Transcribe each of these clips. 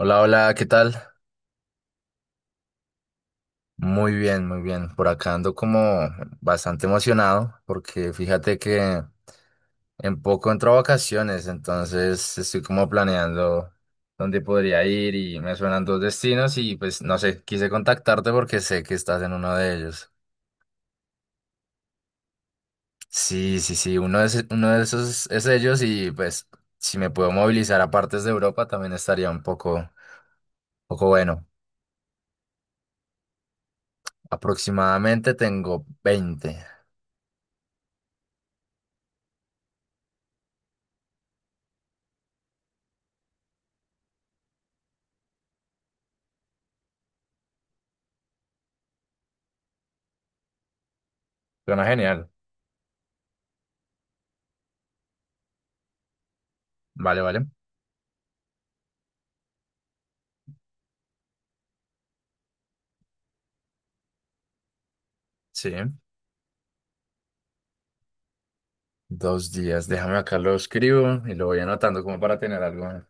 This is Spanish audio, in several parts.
Hola, hola, ¿qué tal? Muy bien, muy bien. Por acá ando como bastante emocionado porque fíjate que en poco entro a vacaciones, entonces estoy como planeando dónde podría ir y me suenan dos destinos y pues no sé, quise contactarte porque sé que estás en uno de ellos. Sí, sí, sí, uno de, uno de esos es ellos y pues si me puedo movilizar a partes de Europa también estaría un poco, poco bueno. Aproximadamente tengo 20. Suena genial. Vale, vale. Sí, dos días. Déjame acá lo escribo y lo voy anotando como para tener algo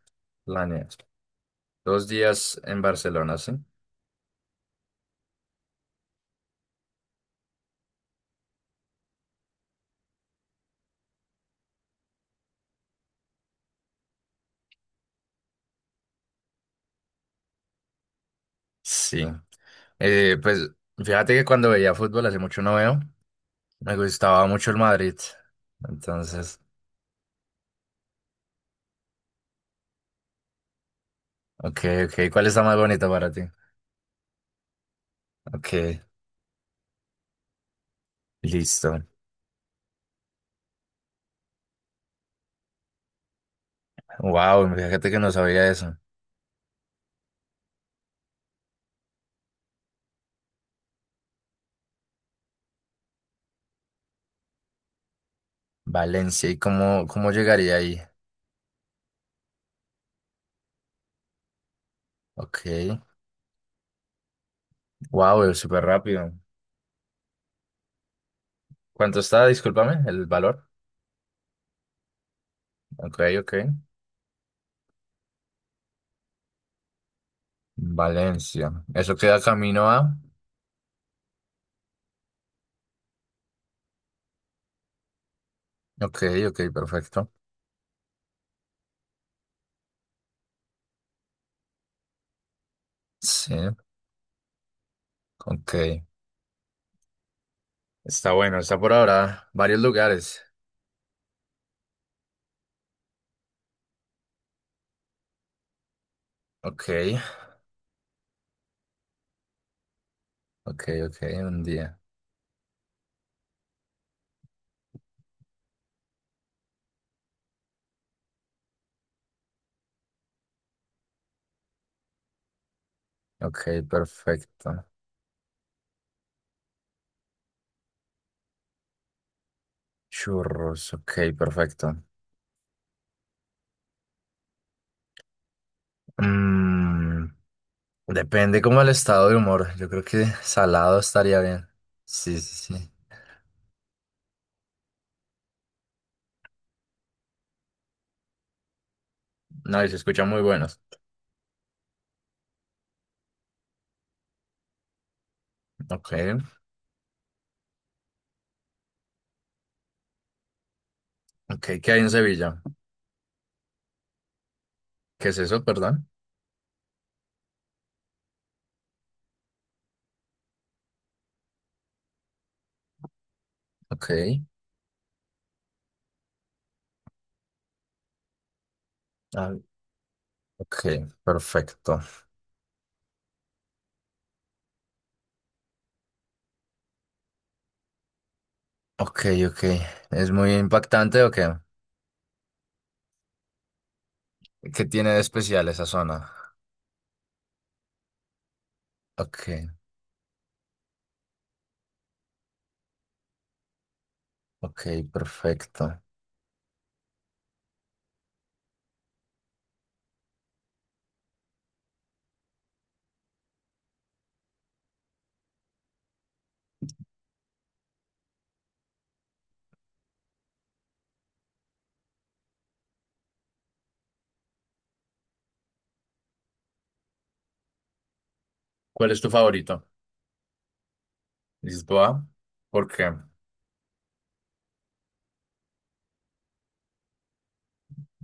planeado. Dos días en Barcelona, ¿sí? Sí. Pues fíjate que cuando veía fútbol hace mucho no veo, me gustaba mucho el Madrid. Entonces, ok, ok. ¿Cuál está más bonito para ti? Ok, listo. Wow, fíjate que no sabía eso. Valencia, ¿y cómo, cómo llegaría ahí? Ok, wow, súper rápido. ¿Cuánto está? Discúlpame, el valor. Ok, ok. Valencia. Eso queda camino a. Ok, ok, perfecto. Sí, ok. Está bueno, está por ahora. Varios lugares. Ok, ok, ok, un día. Ok, perfecto. Churros, ok, perfecto. Mm, depende como el estado de humor. Yo creo que salado estaría bien. Sí, sí, sí. No, y se escuchan muy buenos. Ok, ok, ¿qué hay en Sevilla? ¿Qué es eso, perdón? Ok, ah, ok, perfecto. Ok, ok. ¿Es muy impactante o qué? ¿Qué tiene de especial esa zona? Ok, ok, perfecto. ¿Cuál es tu favorito? ¿Dices tú, ah, ¿Por qué?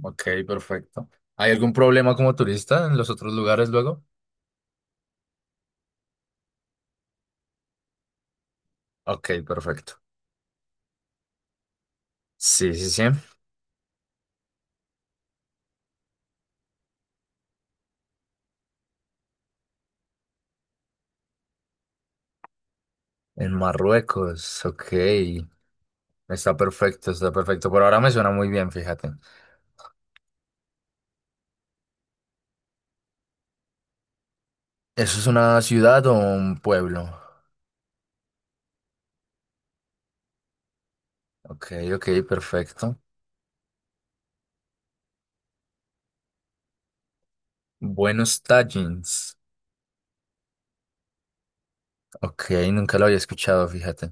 Ok, perfecto. ¿Hay algún problema como turista en los otros lugares luego? Ok, perfecto. Sí, sí, sí. En Marruecos, ok. Está perfecto, está perfecto. Por ahora me suena muy bien, fíjate. ¿Eso es una ciudad o un pueblo? Ok, ok, perfecto. Buenos Tagines. Ok, nunca lo había escuchado, fíjate.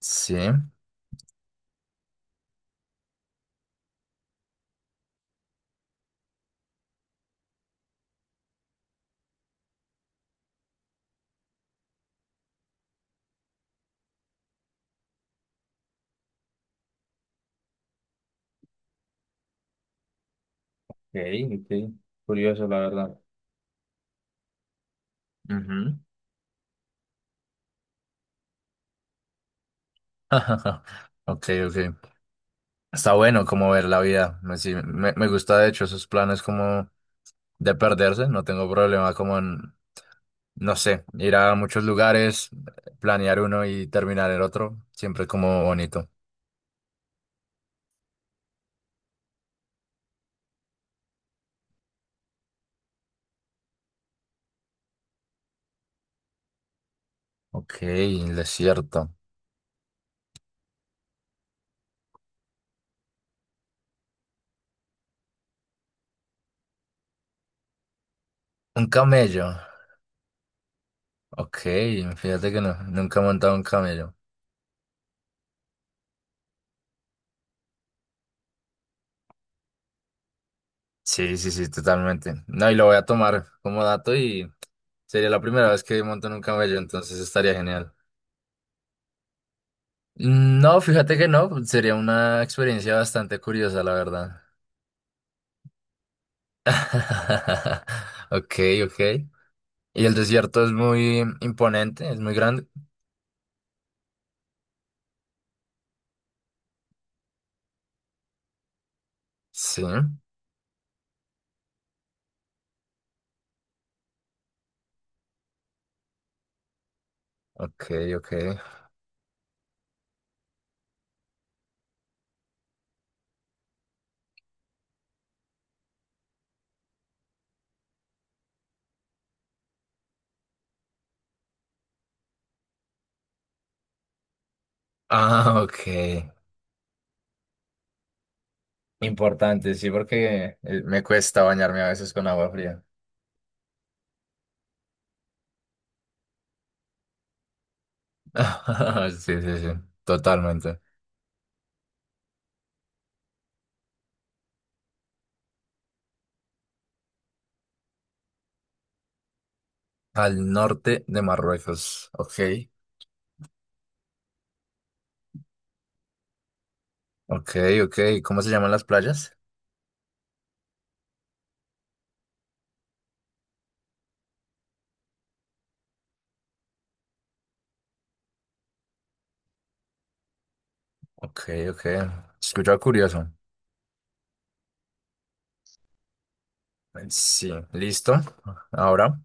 Sí. Ok, ok. Curioso, la verdad. Ujú. Ok, ok. Está bueno como ver la vida. Me, sí, me gusta de hecho esos planes como de perderse. No tengo problema como en, no sé, ir a muchos lugares, planear uno y terminar el otro. Siempre como bonito. Ok, el desierto. Un camello. Ok, fíjate que no, nunca he montado un camello. Sí, sí, sí, totalmente. No, y lo voy a tomar como dato y sería la primera vez que monto en un camello, entonces estaría genial. No, fíjate que no, sería una experiencia bastante curiosa, la verdad. Ok, ok. Y el desierto es muy imponente, es muy grande. Sí, ok, ok. Ah, ok. Importante, sí, porque me cuesta bañarme a veces con agua fría. Sí, sí, sí, totalmente. Al norte de Marruecos. Ok, ok, ok. ¿Cómo se llaman las playas? Ok, ok. Escucha curioso. Sí, listo. Ahora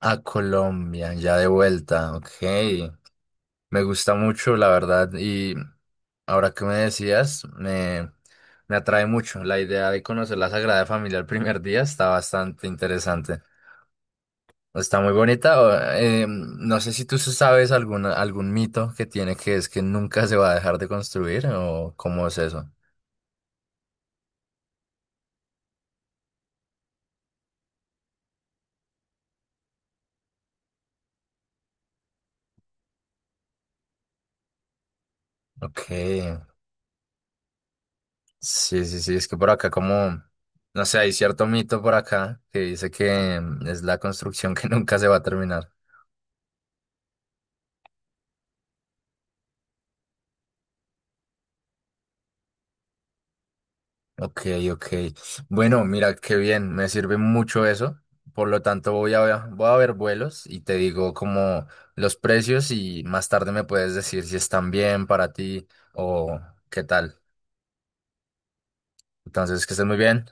a Colombia, ya de vuelta. Ok. Me gusta mucho, la verdad. Y ahora que me decías, me atrae mucho. La idea de conocer la Sagrada Familia el primer día está bastante interesante. Está muy bonita. No sé si tú sabes algún, algún mito que tiene que es que nunca se va a dejar de construir o cómo es eso. Ok. Sí, sí, sí. Es que por acá como, no sé, hay cierto mito por acá que dice que es la construcción que nunca se va a terminar. Ok, ok. Bueno, mira, qué bien. Me sirve mucho eso. Por lo tanto, voy a, voy a ver vuelos y te digo como los precios y más tarde me puedes decir si están bien para ti o qué tal. Entonces, que estén muy bien.